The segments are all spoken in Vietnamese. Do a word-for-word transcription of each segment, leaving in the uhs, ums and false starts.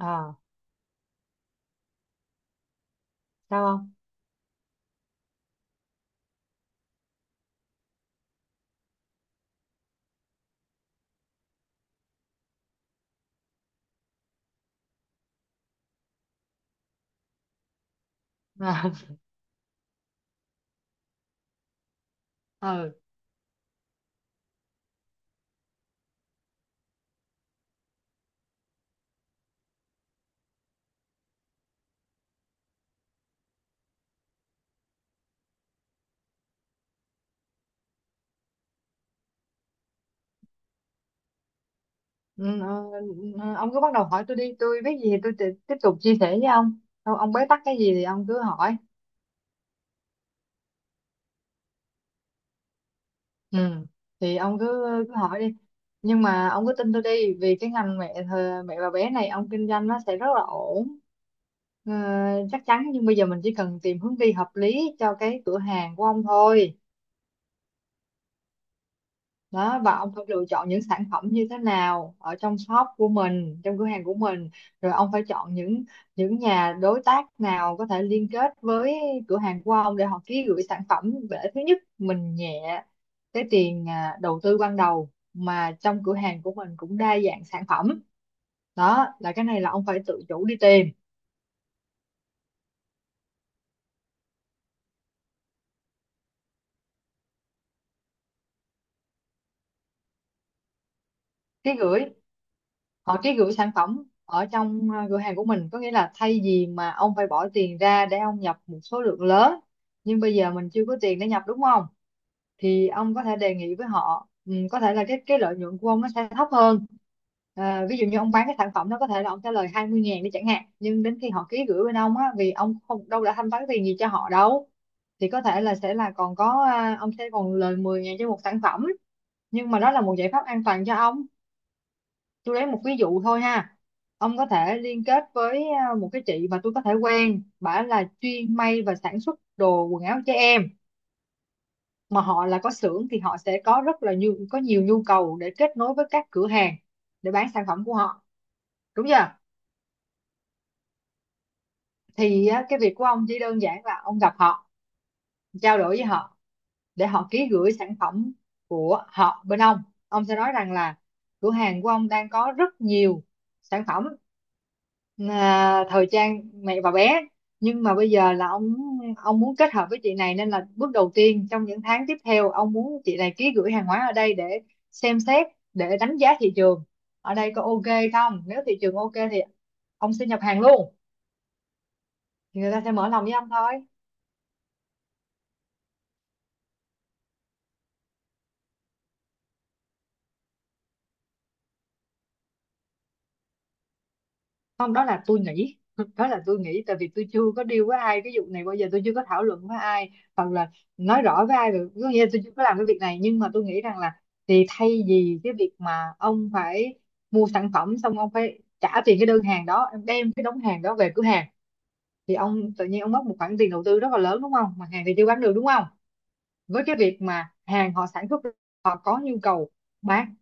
À. Sao không? À, ừ, ừ, ừ, ông cứ bắt đầu hỏi tôi đi. Tôi biết gì thì tôi ti- tiếp tục chia sẻ với ông ông ông bế tắc cái gì thì ông cứ hỏi. Ừ. Thì ông cứ cứ hỏi đi, nhưng mà ông cứ tin tôi đi vì cái ngành mẹ thờ- mẹ và bé này ông kinh doanh nó sẽ rất là ổn. Ờ, Chắc chắn. Nhưng bây giờ mình chỉ cần tìm hướng đi hợp lý cho cái cửa hàng của ông thôi. Đó, và ông phải lựa chọn những sản phẩm như thế nào ở trong shop của mình, trong cửa hàng của mình. Rồi ông phải chọn những những nhà đối tác nào có thể liên kết với cửa hàng của ông để họ ký gửi sản phẩm, để thứ nhất mình nhẹ cái tiền à, đầu tư ban đầu, mà trong cửa hàng của mình cũng đa dạng sản phẩm. Đó là cái này là ông phải tự chủ đi tìm. Ký gửi. Họ cái gửi sản phẩm ở trong ờ, cửa hàng của mình, có nghĩa là thay vì mà ông phải bỏ tiền ra để ông nhập một số lượng lớn, nhưng bây giờ mình chưa có tiền để nhập, đúng không? Thì ông có thể đề nghị với họ, ừ, có thể là cái cái lợi nhuận của ông nó sẽ thấp hơn. Ờ, ví dụ như ông bán cái sản phẩm đó có thể là ông trả lời hai mươi ngàn đi chẳng hạn, nhưng đến khi họ ký gửi bên ông á, vì ông không đâu đã thanh toán tiền gì cho họ đâu, thì có thể là sẽ là còn có à, ông sẽ còn lời mười ngàn cho một sản phẩm. Nhưng mà đó là một giải pháp an toàn cho ông. Tôi lấy một ví dụ thôi ha. Ông có thể liên kết với à, một cái chị mà tôi có thể quen, bả là chuyên may và sản xuất đồ quần áo trẻ em, mà họ là có xưởng thì họ sẽ có rất là nhiều, có nhiều nhu cầu để kết nối với các cửa hàng để bán sản phẩm của họ, đúng chưa? Thì á, cái việc của ông chỉ đơn giản là ông gặp họ, trao đổi với họ để họ ký gửi sản phẩm của họ bên ông. Ông sẽ nói rằng là cửa hàng của ông đang có rất nhiều sản phẩm à, thời trang mẹ và bé, nhưng mà bây giờ là ông ông muốn kết hợp với chị này, nên là bước đầu tiên trong những tháng tiếp theo ông muốn chị này ký gửi hàng hóa ở đây để xem xét, để đánh giá thị trường ở đây có ok không. Nếu thị trường ok thì ông sẽ nhập hàng luôn. Thì người ta sẽ mở lòng với ông thôi. Không, đó là tôi nghĩ đó là tôi nghĩ tại vì tôi chưa có deal với ai cái vụ này bao giờ, tôi chưa có thảo luận với ai hoặc là nói rõ với ai được, có nghĩa là tôi chưa có làm cái việc này, nhưng mà tôi nghĩ rằng là thì thay vì cái việc mà ông phải mua sản phẩm xong ông phải trả tiền cái đơn hàng đó, em đem cái đống hàng đó về cửa hàng, thì ông tự nhiên ông mất một khoản tiền đầu tư rất là lớn, đúng không? Mà hàng thì chưa bán được, đúng không? Với cái việc mà hàng họ sản xuất, họ có nhu cầu bán,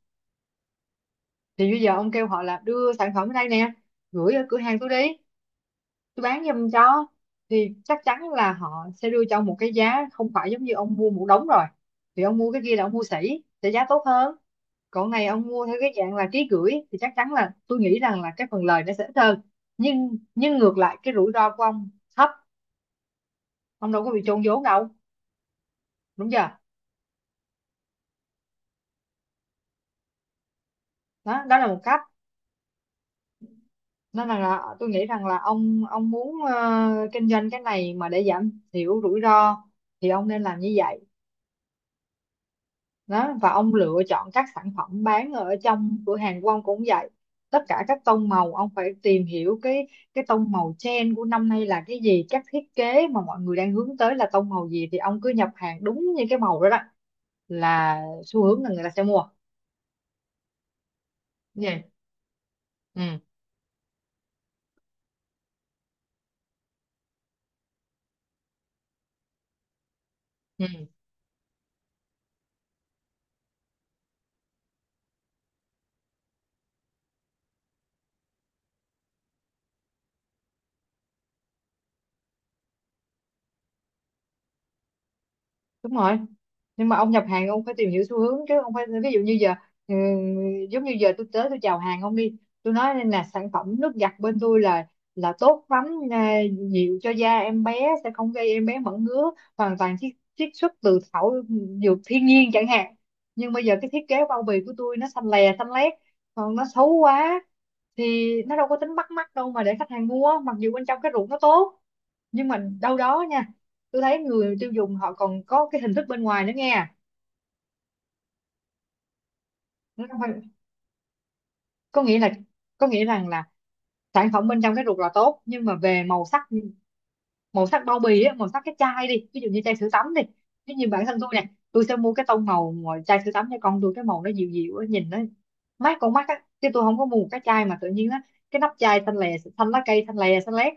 thì bây giờ ông kêu họ là đưa sản phẩm ở đây nè, gửi ở cửa hàng tôi đi, tôi bán giùm cho, thì chắc chắn là họ sẽ đưa cho ông một cái giá không phải giống như ông mua một đống rồi. Vì ông mua cái kia là ông mua sỉ sẽ giá tốt hơn, còn này ông mua theo cái dạng là ký gửi thì chắc chắn là tôi nghĩ rằng là cái phần lời nó sẽ ít hơn, nhưng nhưng ngược lại cái rủi ro của ông thấp, ông đâu có bị chôn vốn đâu, đúng chưa? Đó, đó là một cách. Nên là, là tôi nghĩ rằng là ông ông muốn ờ, kinh doanh cái này mà để giảm thiểu rủi ro thì ông nên làm như vậy. Đó, và ông lựa chọn các sản phẩm bán ở trong cửa hàng của ông cũng vậy. Tất cả các tông màu ông phải tìm hiểu cái cái tông màu trend của năm nay là cái gì, các thiết kế mà mọi người đang hướng tới là tông màu gì thì ông cứ nhập hàng đúng như cái màu đó đó, là xu hướng, là người ta sẽ mua. Như. Ừ. Ừ, đúng rồi, nhưng mà ông nhập hàng ông phải tìm hiểu xu hướng chứ, ông phải ví dụ như giờ ừ, giống như giờ tôi tới tôi chào hàng ông đi, tôi nói là sản phẩm nước giặt bên tôi là là tốt lắm, à, dịu cho da em bé, sẽ không gây em bé mẩn ngứa, hoàn toàn chiết chiết xuất từ thảo dược thiên nhiên chẳng hạn, nhưng bây giờ cái thiết kế bao bì của tôi nó xanh lè xanh lét, còn nó xấu quá, thì nó đâu có tính bắt mắt đâu mà để khách hàng mua, mặc dù bên trong cái ruột nó tốt. Nhưng mà đâu đó nha, tôi thấy người tiêu dùng họ còn có cái hình thức bên ngoài nữa nghe. Nó không phải- Có nghĩa là, có nghĩa rằng là sản phẩm bên trong cái ruột là tốt, nhưng mà về màu sắc, màu sắc bao bì á, màu sắc cái chai đi, ví dụ như chai sữa tắm đi. Ví dụ như bản thân tôi nè, tôi sẽ mua cái tông màu mà chai sữa tắm cho con tôi cái màu nó dịu dịu á, nhìn nó mát con mắt á, chứ tôi không có mua một cái chai mà tự nhiên á cái nắp chai xanh lè xanh lá cây, xanh lè xanh lét.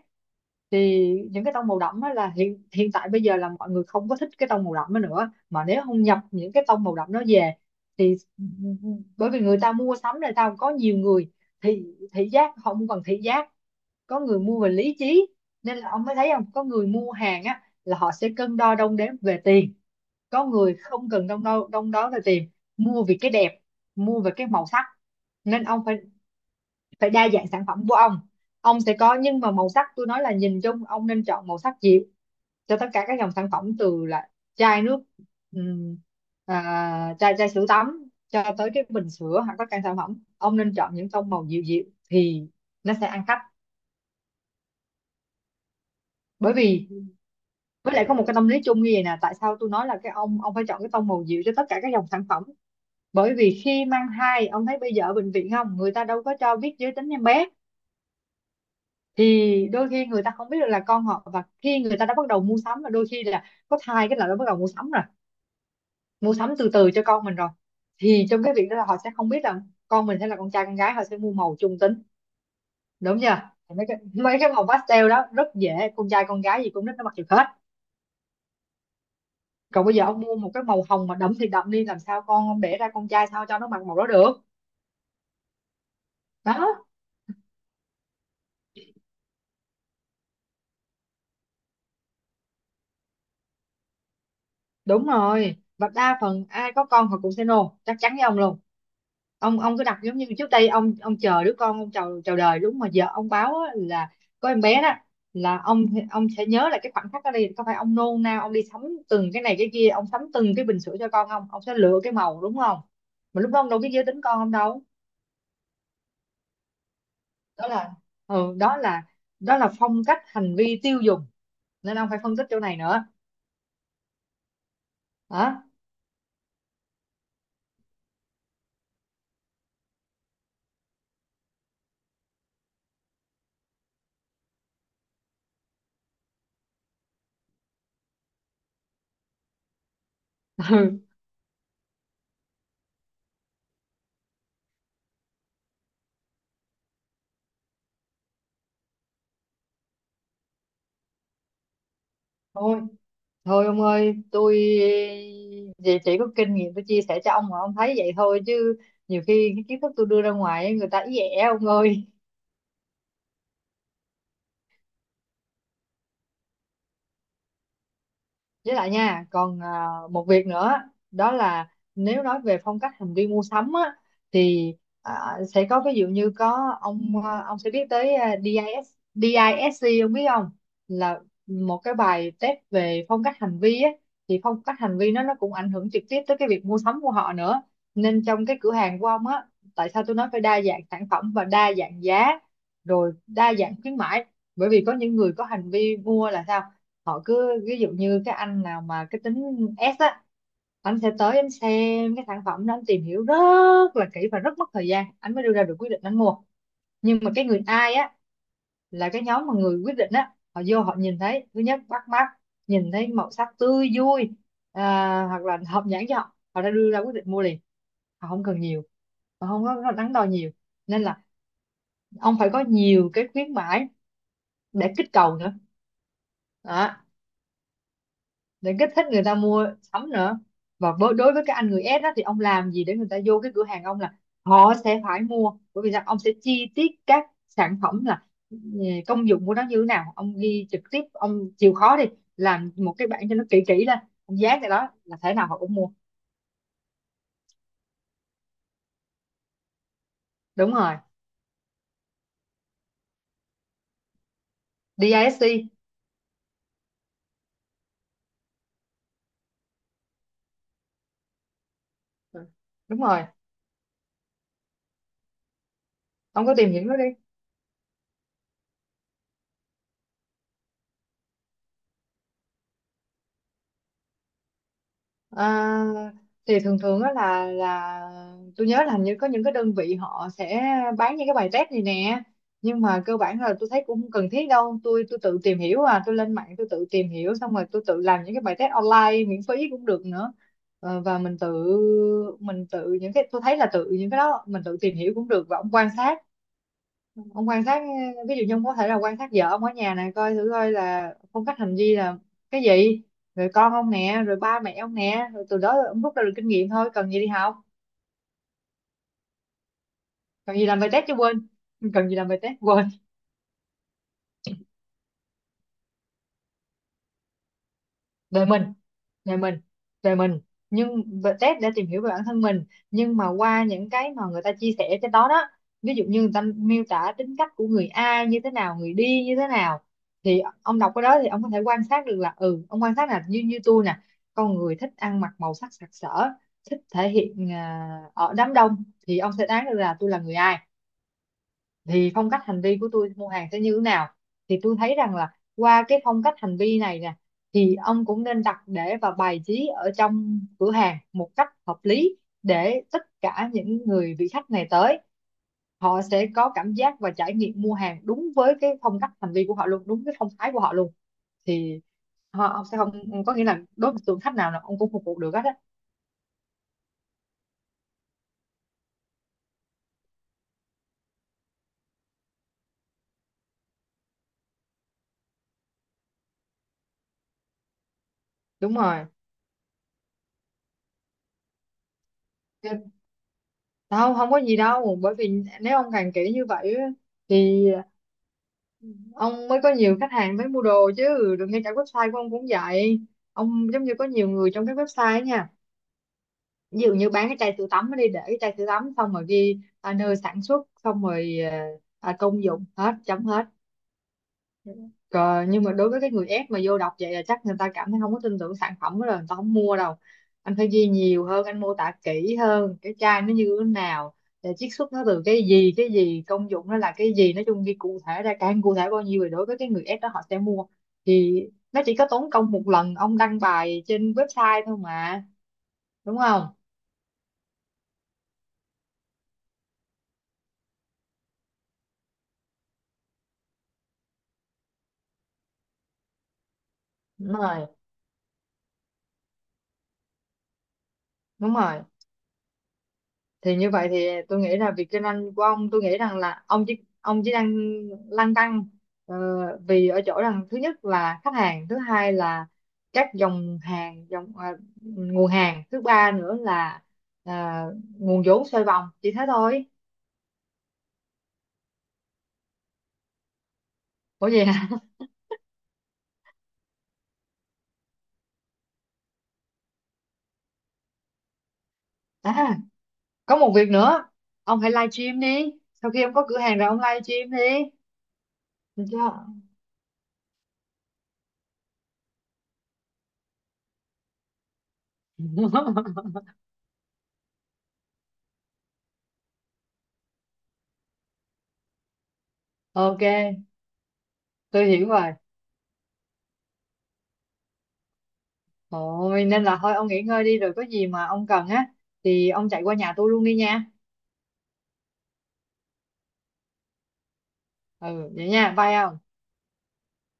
Thì những cái tông màu đậm á là hiện hiện tại bây giờ là mọi người không có thích cái tông màu đậm đó nữa, mà nếu không nhập những cái tông màu đậm đó về thì ừ, ừ, bởi vì người ta mua sắm, người ta có nhiều người thị thị giác, họ không cần thị giác, có người mua về lý trí. Nên là ông mới thấy không, có người mua hàng á là họ sẽ cân đo đong đếm về tiền, có người không cần đong đo đong đo về tiền, mua vì cái đẹp, mua về cái màu sắc. Nên ông phải phải đa dạng sản phẩm của ông ông sẽ có nhưng mà màu sắc, tôi nói là nhìn chung ông nên chọn màu sắc dịu cho tất cả các dòng sản phẩm, từ là chai nước, ừm, à, chai chai sữa tắm cho tới cái bình sữa hoặc tất cả sản phẩm ông nên chọn những tông màu dịu dịu thì nó sẽ ăn khách. Bởi vì, với lại có một cái tâm lý chung như vậy nè, tại sao tôi nói là cái ông ông phải chọn cái tông màu dịu cho tất cả các dòng sản phẩm, bởi vì khi mang thai ông thấy bây giờ ở bệnh viện không, người ta đâu có cho biết giới tính em bé. Thì đôi khi người ta không biết được là con họ, và khi người ta đã bắt đầu mua sắm, và đôi khi là có thai cái là đã bắt đầu mua sắm rồi, mua sắm từ từ cho con mình rồi. Thì trong cái việc đó là họ sẽ không biết là con mình sẽ là con trai con gái, họ sẽ mua màu trung tính, đúng chưa? Mấy cái, mấy cái màu pastel đó rất dễ, con trai con gái gì cũng rất nó mặc được hết. Còn bây giờ ông mua một cái màu hồng mà đậm thì đậm đi, làm sao con ông đẻ ra con trai sao cho nó mặc màu đó được. Đó, đúng rồi, và đa phần ai có con họ cũng sẽ nôn, chắc chắn với ông luôn. Ông ông cứ đặt giống như trước đây ông ông chờ đứa con, ông chờ chờ đời đúng mà giờ ông báo á, là có em bé đó là ông ông sẽ nhớ lại cái khoảnh khắc đó đi, có phải ông nôn nao ông đi sắm từng cái này cái kia, ông sắm từng cái bình sữa cho con không, ông sẽ lựa cái màu, đúng không? Mà lúc đó ông đâu biết giới tính con ông đâu. Đó là ừ, đó là đó là phong cách hành vi tiêu dùng, nên ông phải phân tích chỗ này nữa. Hả? Ừ. thôi thôi ông ơi, tôi chỉ, chỉ có kinh nghiệm tôi chia sẻ cho ông mà ông thấy vậy thôi, chứ nhiều khi cái kiến thức tôi đưa ra ngoài ấy, người ta ý ẻ ông ơi. Với lại nha, còn à, một việc nữa. Đó là nếu nói về phong cách hành vi mua sắm á, thì à, sẽ có ví dụ như có ông, à, ông sẽ biết tới à, đê i ét, đê i ét xê, ông biết không? Là một cái bài test về phong cách hành vi á. Thì phong cách hành vi nó nó cũng ảnh hưởng trực tiếp tới cái việc mua sắm của họ nữa. Nên trong cái cửa hàng của ông á, tại sao tôi nói phải đa dạng sản phẩm và đa dạng giá, rồi đa dạng khuyến mãi? Bởi vì có những người có hành vi mua là sao, họ cứ ví dụ như cái anh nào mà cái tính S á, anh sẽ tới anh xem cái sản phẩm đó, anh tìm hiểu rất là kỹ và rất mất thời gian anh mới đưa ra được quyết định anh mua. Nhưng mà cái người ai á, là cái nhóm mà người quyết định á, họ vô họ nhìn thấy thứ nhất bắt mắt, nhìn thấy màu sắc tươi vui, à, hoặc là hợp nhãn cho họ, họ đã đưa ra quyết định mua liền. Họ không cần nhiều, họ không có có đắn đo nhiều. Nên là ông phải có nhiều cái khuyến mãi để kích cầu nữa. Đó. Để kích thích người ta mua sắm nữa. Và với đối với cái anh người S đó, thì ông làm gì để người ta vô cái cửa hàng ông là họ sẽ phải mua? Bởi vì rằng ông sẽ chi tiết các sản phẩm là ừ, công dụng của nó như thế nào, ông ghi trực tiếp, ông chịu khó đi làm một cái bảng cho nó kỹ kỹ lên, ông dán cái đó là thế nào họ cũng mua. Đúng rồi, đê I đê i ét xê. Ừ, đúng rồi, ông có tìm hiểu nó đi. À, thì thường thường á là là tôi nhớ là hình như có những cái đơn vị họ sẽ bán những cái bài test này nè. Nhưng mà cơ bản là tôi thấy cũng không cần thiết đâu, tôi tôi tự tìm hiểu, à tôi lên mạng tôi tự tìm hiểu, xong rồi tôi tự làm những cái bài test online miễn phí cũng được nữa. Ờ, và mình tự mình tự những cái tôi thấy là tự những cái đó mình tự tìm hiểu cũng được. Và ông quan sát, ông quan sát, ví dụ như ông có thể là quan sát vợ ông ở nhà này, coi thử coi là phong cách hành vi là cái gì, rồi con ông nè, rồi ba mẹ ông nè, rồi từ đó ông rút ra được kinh nghiệm thôi, cần gì đi học, cần gì làm bài test chứ, quên, cần gì làm bài test, quên. Đời mình, về mình, về mình, nhưng về test để tìm hiểu về bản thân mình. Nhưng mà qua những cái mà người ta chia sẻ trên đó đó, ví dụ như người ta miêu tả tính cách của người A như thế nào, người đi như thế nào, thì ông đọc cái đó thì ông có thể quan sát được là ừ, ông quan sát là như như tôi nè, con người thích ăn mặc màu sắc sặc sỡ, thích thể hiện à, ở đám đông, thì ông sẽ đoán được là tôi là người ai, thì phong cách hành vi của tôi mua hàng sẽ như thế nào. Thì tôi thấy rằng là qua cái phong cách hành vi này nè, thì ông cũng nên đặt để và bài trí ở trong cửa hàng một cách hợp lý, để tất cả những người vị khách này tới, họ sẽ có cảm giác và trải nghiệm mua hàng đúng với cái phong cách hành vi của họ luôn, đúng cái phong thái của họ luôn. Thì họ, ông sẽ không, có nghĩa là đối với tượng khách nào là ông cũng phục vụ được hết á. Đúng rồi. Chứ- không không có gì đâu, bởi vì nếu ông càng kỹ như vậy á, thì ông mới có nhiều khách hàng mới mua đồ chứ. Đừng, ngay cả website của ông cũng vậy, ông giống như có nhiều người trong cái website ấy nha. Ví dụ như bán cái chai sữa tắm ở đi, để cái chai sữa tắm xong rồi ghi à, nơi sản xuất, xong rồi à, à, công dụng, hết chấm hết. Cờ, nhưng mà đối với cái người ép mà vô đọc vậy là chắc người ta cảm thấy không có tin tưởng sản phẩm đó rồi, người ta không mua đâu. Anh phải ghi nhiều hơn, anh mô tả kỹ hơn cái chai nó như thế nào, để chiết xuất nó từ cái gì cái gì, công dụng nó là cái gì, nói chung ghi cụ thể ra, càng cụ thể bao nhiêu thì đối với cái người ép đó họ sẽ mua. Thì nó chỉ có tốn công một lần ông đăng bài trên website thôi mà, đúng không? Đúng rồi, đúng rồi. Thì như vậy thì tôi nghĩ là việc kinh doanh của ông, tôi nghĩ rằng là ông chỉ ông chỉ đang lăn tăn ờ, vì ở chỗ rằng thứ nhất là khách hàng, thứ hai là các dòng hàng, dòng ờ, nguồn hàng, thứ ba nữa là à, nguồn vốn xoay vòng, chỉ thế thôi. Ủa vậy hả? À, có một việc nữa, ông hãy live stream đi, sau khi ông có cửa hàng rồi ông live stream đi. Được chưa? Ok, tôi hiểu rồi. Thôi nên là thôi ông nghỉ ngơi đi, rồi có gì mà ông cần á thì ông chạy qua nhà tôi luôn đi nha. Ừ vậy nha, bye ông.